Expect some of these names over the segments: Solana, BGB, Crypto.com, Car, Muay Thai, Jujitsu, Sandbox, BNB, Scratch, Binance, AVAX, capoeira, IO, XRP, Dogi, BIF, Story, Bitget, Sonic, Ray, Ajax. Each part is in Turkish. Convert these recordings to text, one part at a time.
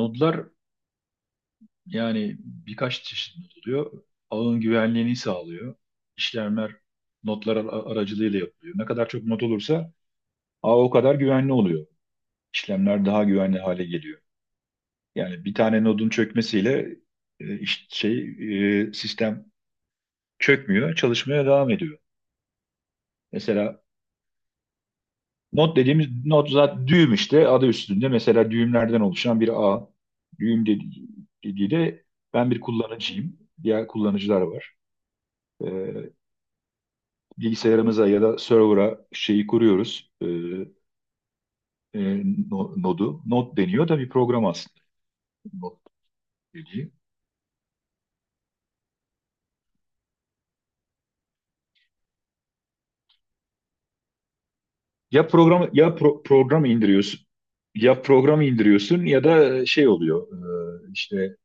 Nodlar, yani birkaç çeşit nod oluyor. Ağın güvenliğini sağlıyor. İşlemler nodlar aracılığıyla yapılıyor. Ne kadar çok nod olursa ağ o kadar güvenli oluyor. İşlemler daha güvenli hale geliyor. Yani bir tane nodun çökmesiyle e, iş- şey sistem çökmüyor, çalışmaya devam ediyor. Mesela nod dediğimiz nod zaten düğüm, işte adı üstünde. Mesela düğümlerden oluşan bir ağ. Düğüm dediği de, ben bir kullanıcıyım. Diğer kullanıcılar var. E, Bilgisayarımıza ya da server'a şeyi kuruyoruz. E, nodu. Node deniyor da bir program aslında. Node dediği. Ya program ya program indiriyorsun. Ya program indiriyorsun ya da şey oluyor. E, işte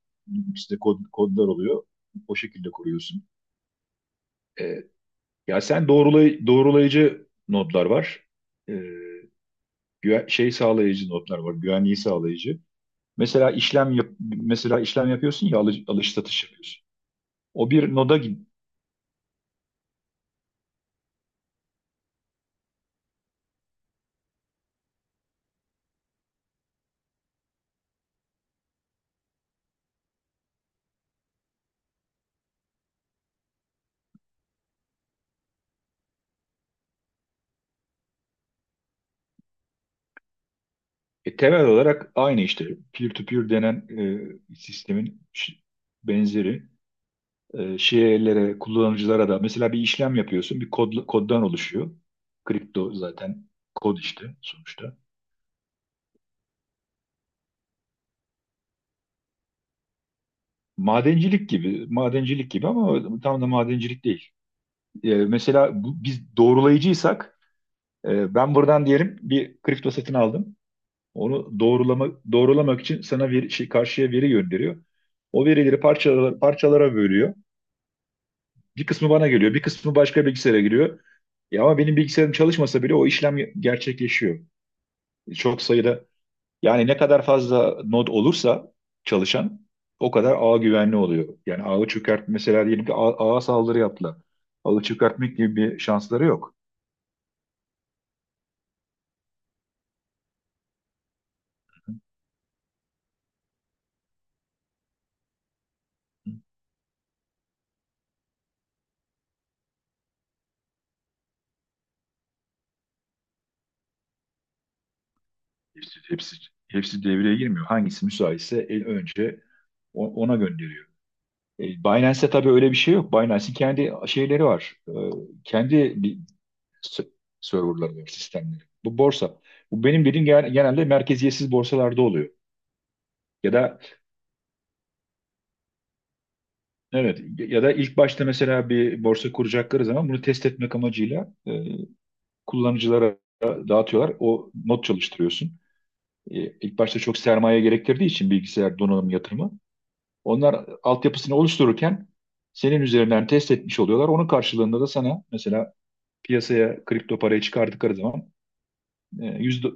işte kodlar oluyor. O şekilde kuruyorsun. E, ya sen doğrulay doğrulayıcı nodlar var. E, sağlayıcı nodlar var. Güvenliği sağlayıcı. Mesela işlem yapıyorsun ya alış satış yapıyorsun. O bir noda. Temel olarak aynı işte, peer-to-peer denen sistemin benzeri şeylere, kullanıcılara da mesela bir işlem yapıyorsun, koddan oluşuyor. Kripto zaten kod işte sonuçta. Madencilik gibi, madencilik gibi ama tam da madencilik değil. Mesela bu, biz doğrulayıcıysak, ben buradan diyelim bir kripto satın aldım. Onu doğrulamak için sana bir şey, karşıya veri gönderiyor. O verileri parçalara bölüyor. Bir kısmı bana geliyor, bir kısmı başka bilgisayara giriyor. Ya ama benim bilgisayarım çalışmasa bile o işlem gerçekleşiyor. Çok sayıda, yani ne kadar fazla node olursa, çalışan, o kadar ağ güvenli oluyor. Yani ağı çökert, mesela diyelim ki ağa saldırı yaptılar. Ağı çökertmek gibi bir şansları yok. Hepsi, hepsi, hepsi devreye girmiyor. Hangisi müsaitse en önce ona gönderiyor. Binance'te tabii öyle bir şey yok. Binance'in kendi şeyleri var. Kendi s- serverları var, sistemleri. Bu borsa. Bu benim dediğim, genelde merkeziyetsiz borsalarda oluyor. Ya da evet, ya da ilk başta mesela bir borsa kuracakları zaman, bunu test etmek amacıyla kullanıcılara dağıtıyorlar. O not çalıştırıyorsun. İlk başta çok sermaye gerektirdiği için, bilgisayar donanım yatırımı. Onlar altyapısını oluştururken senin üzerinden test etmiş oluyorlar. Onun karşılığında da sana, mesela piyasaya kripto parayı çıkardıkları zaman, yüzde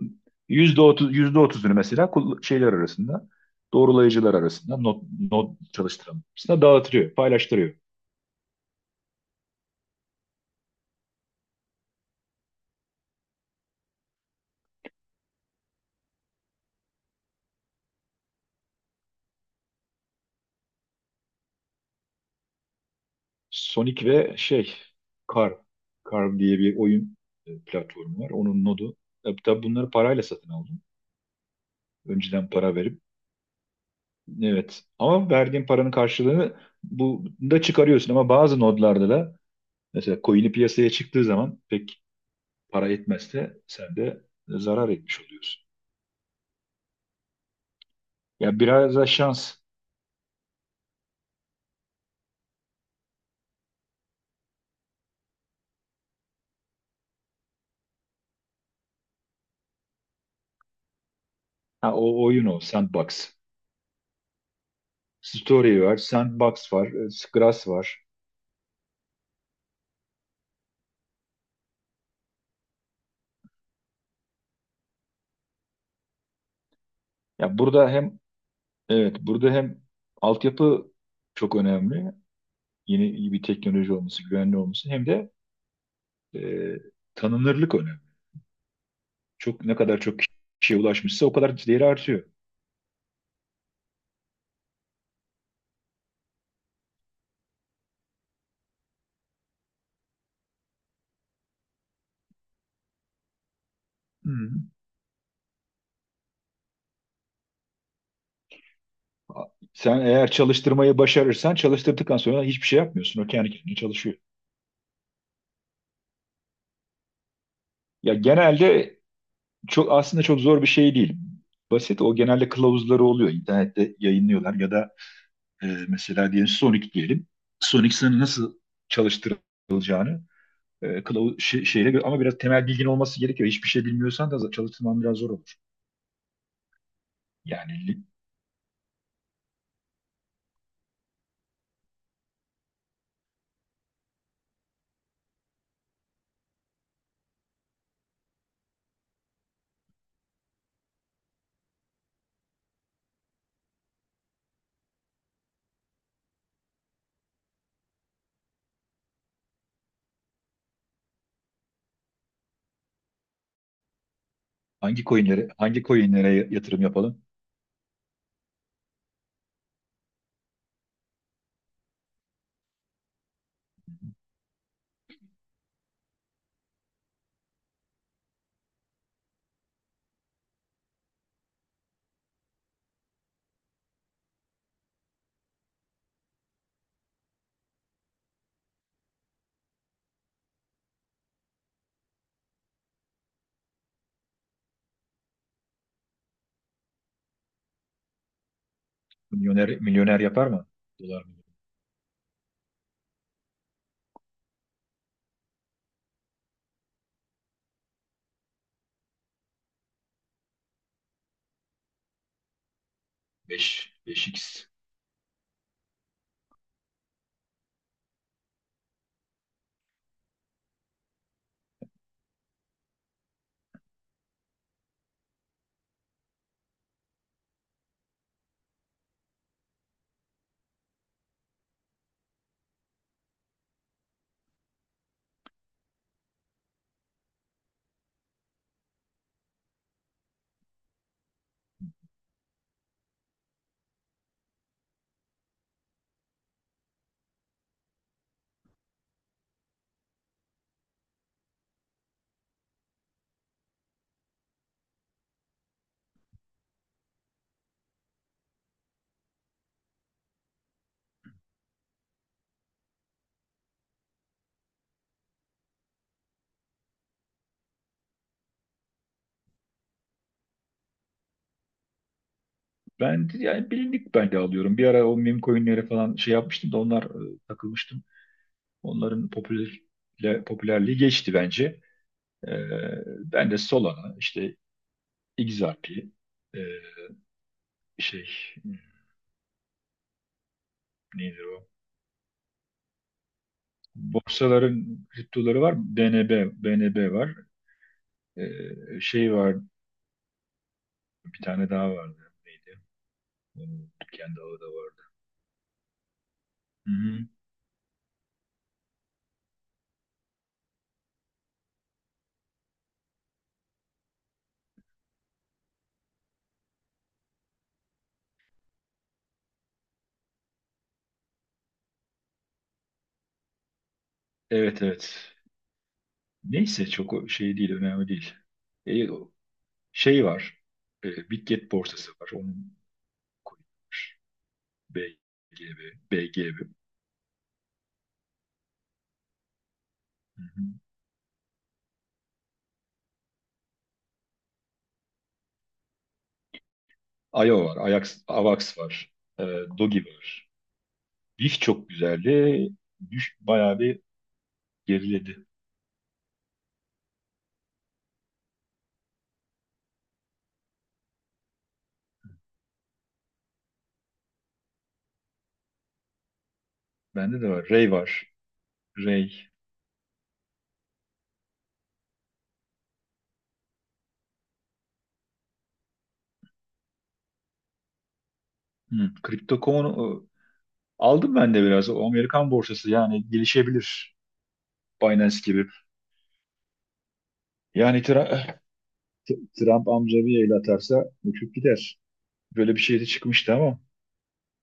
otuzunu mesela şeyler arasında, doğrulayıcılar arasında, not çalıştıran arasında dağıtırıyor, paylaştırıyor. Sonic ve Car Car diye bir oyun platformu var. Onun nodu. Tabii, tabii bunları parayla satın aldım. Önceden para verip, evet, ama verdiğin paranın karşılığını bu da çıkarıyorsun, ama bazı nodlarda da mesela coin'i piyasaya çıktığı zaman pek para etmezse sen de zarar etmiş oluyorsun. Ya, biraz da şans. Ha, o oyun o. Sandbox. Story var. Sandbox var. Scratch var. Ya, burada hem, evet, burada hem altyapı çok önemli. Yeni, iyi bir teknoloji olması, güvenli olması, hem de e, tanınırlık önemli. Çok, ne kadar çok kişiye ulaşmışsa o kadar değeri artıyor. Hı. Hı. Sen eğer çalıştırmayı başarırsan, çalıştırdıktan sonra hiçbir şey yapmıyorsun. O kendi kendine çalışıyor. Ya, genelde çok, aslında çok zor bir şey değil. Basit. O genelde kılavuzları oluyor. İnternette yayınlıyorlar ya da, mesela diyelim Sonic diyelim. Sonic sana nasıl çalıştırılacağını kılavuz şeyle ama biraz temel bilgin olması gerekiyor. Hiçbir şey bilmiyorsan da çalıştırman biraz zor olur. Yani li- Hangi coinlere, yatırım yapalım? Milyoner yapar mı? Dolar mı? 5 5x. Yani bilindik, ben de alıyorum. Bir ara o meme coinlere falan şey yapmıştım da, onlar takılmıştım. Onların popülerliği geçti bence. E, Ben de Solana, işte XRP, e, şey neydi o? Borsaların kriptoları var. BNB, var. Şey var. Bir tane daha vardı. Neydi? Onun kendi ağı da vardı. Hı-hı. Evet, evet. Neyse, çok o şey değil. Önemli değil. Ee, o- Şey var. Bitget borsası var. Onun coin'i var. BGB. BGB. Hı-hı. IO var. Ajax, AVAX var. Ee, Dogi var. BIF çok güzeldi. Bayağı bir geriledi. Bende de var. Ray var. Ray. Hı. Crypto.com aldım ben de biraz. O Amerikan borsası, yani gelişebilir. Binance gibi. Yani Trump amca bir el atarsa uçup gider. Böyle bir şey de çıkmıştı ama.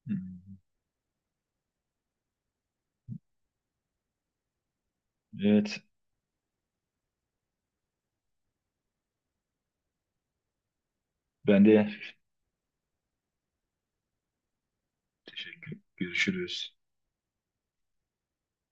Hı. Evet. Ben de teşekkür. Görüşürüz.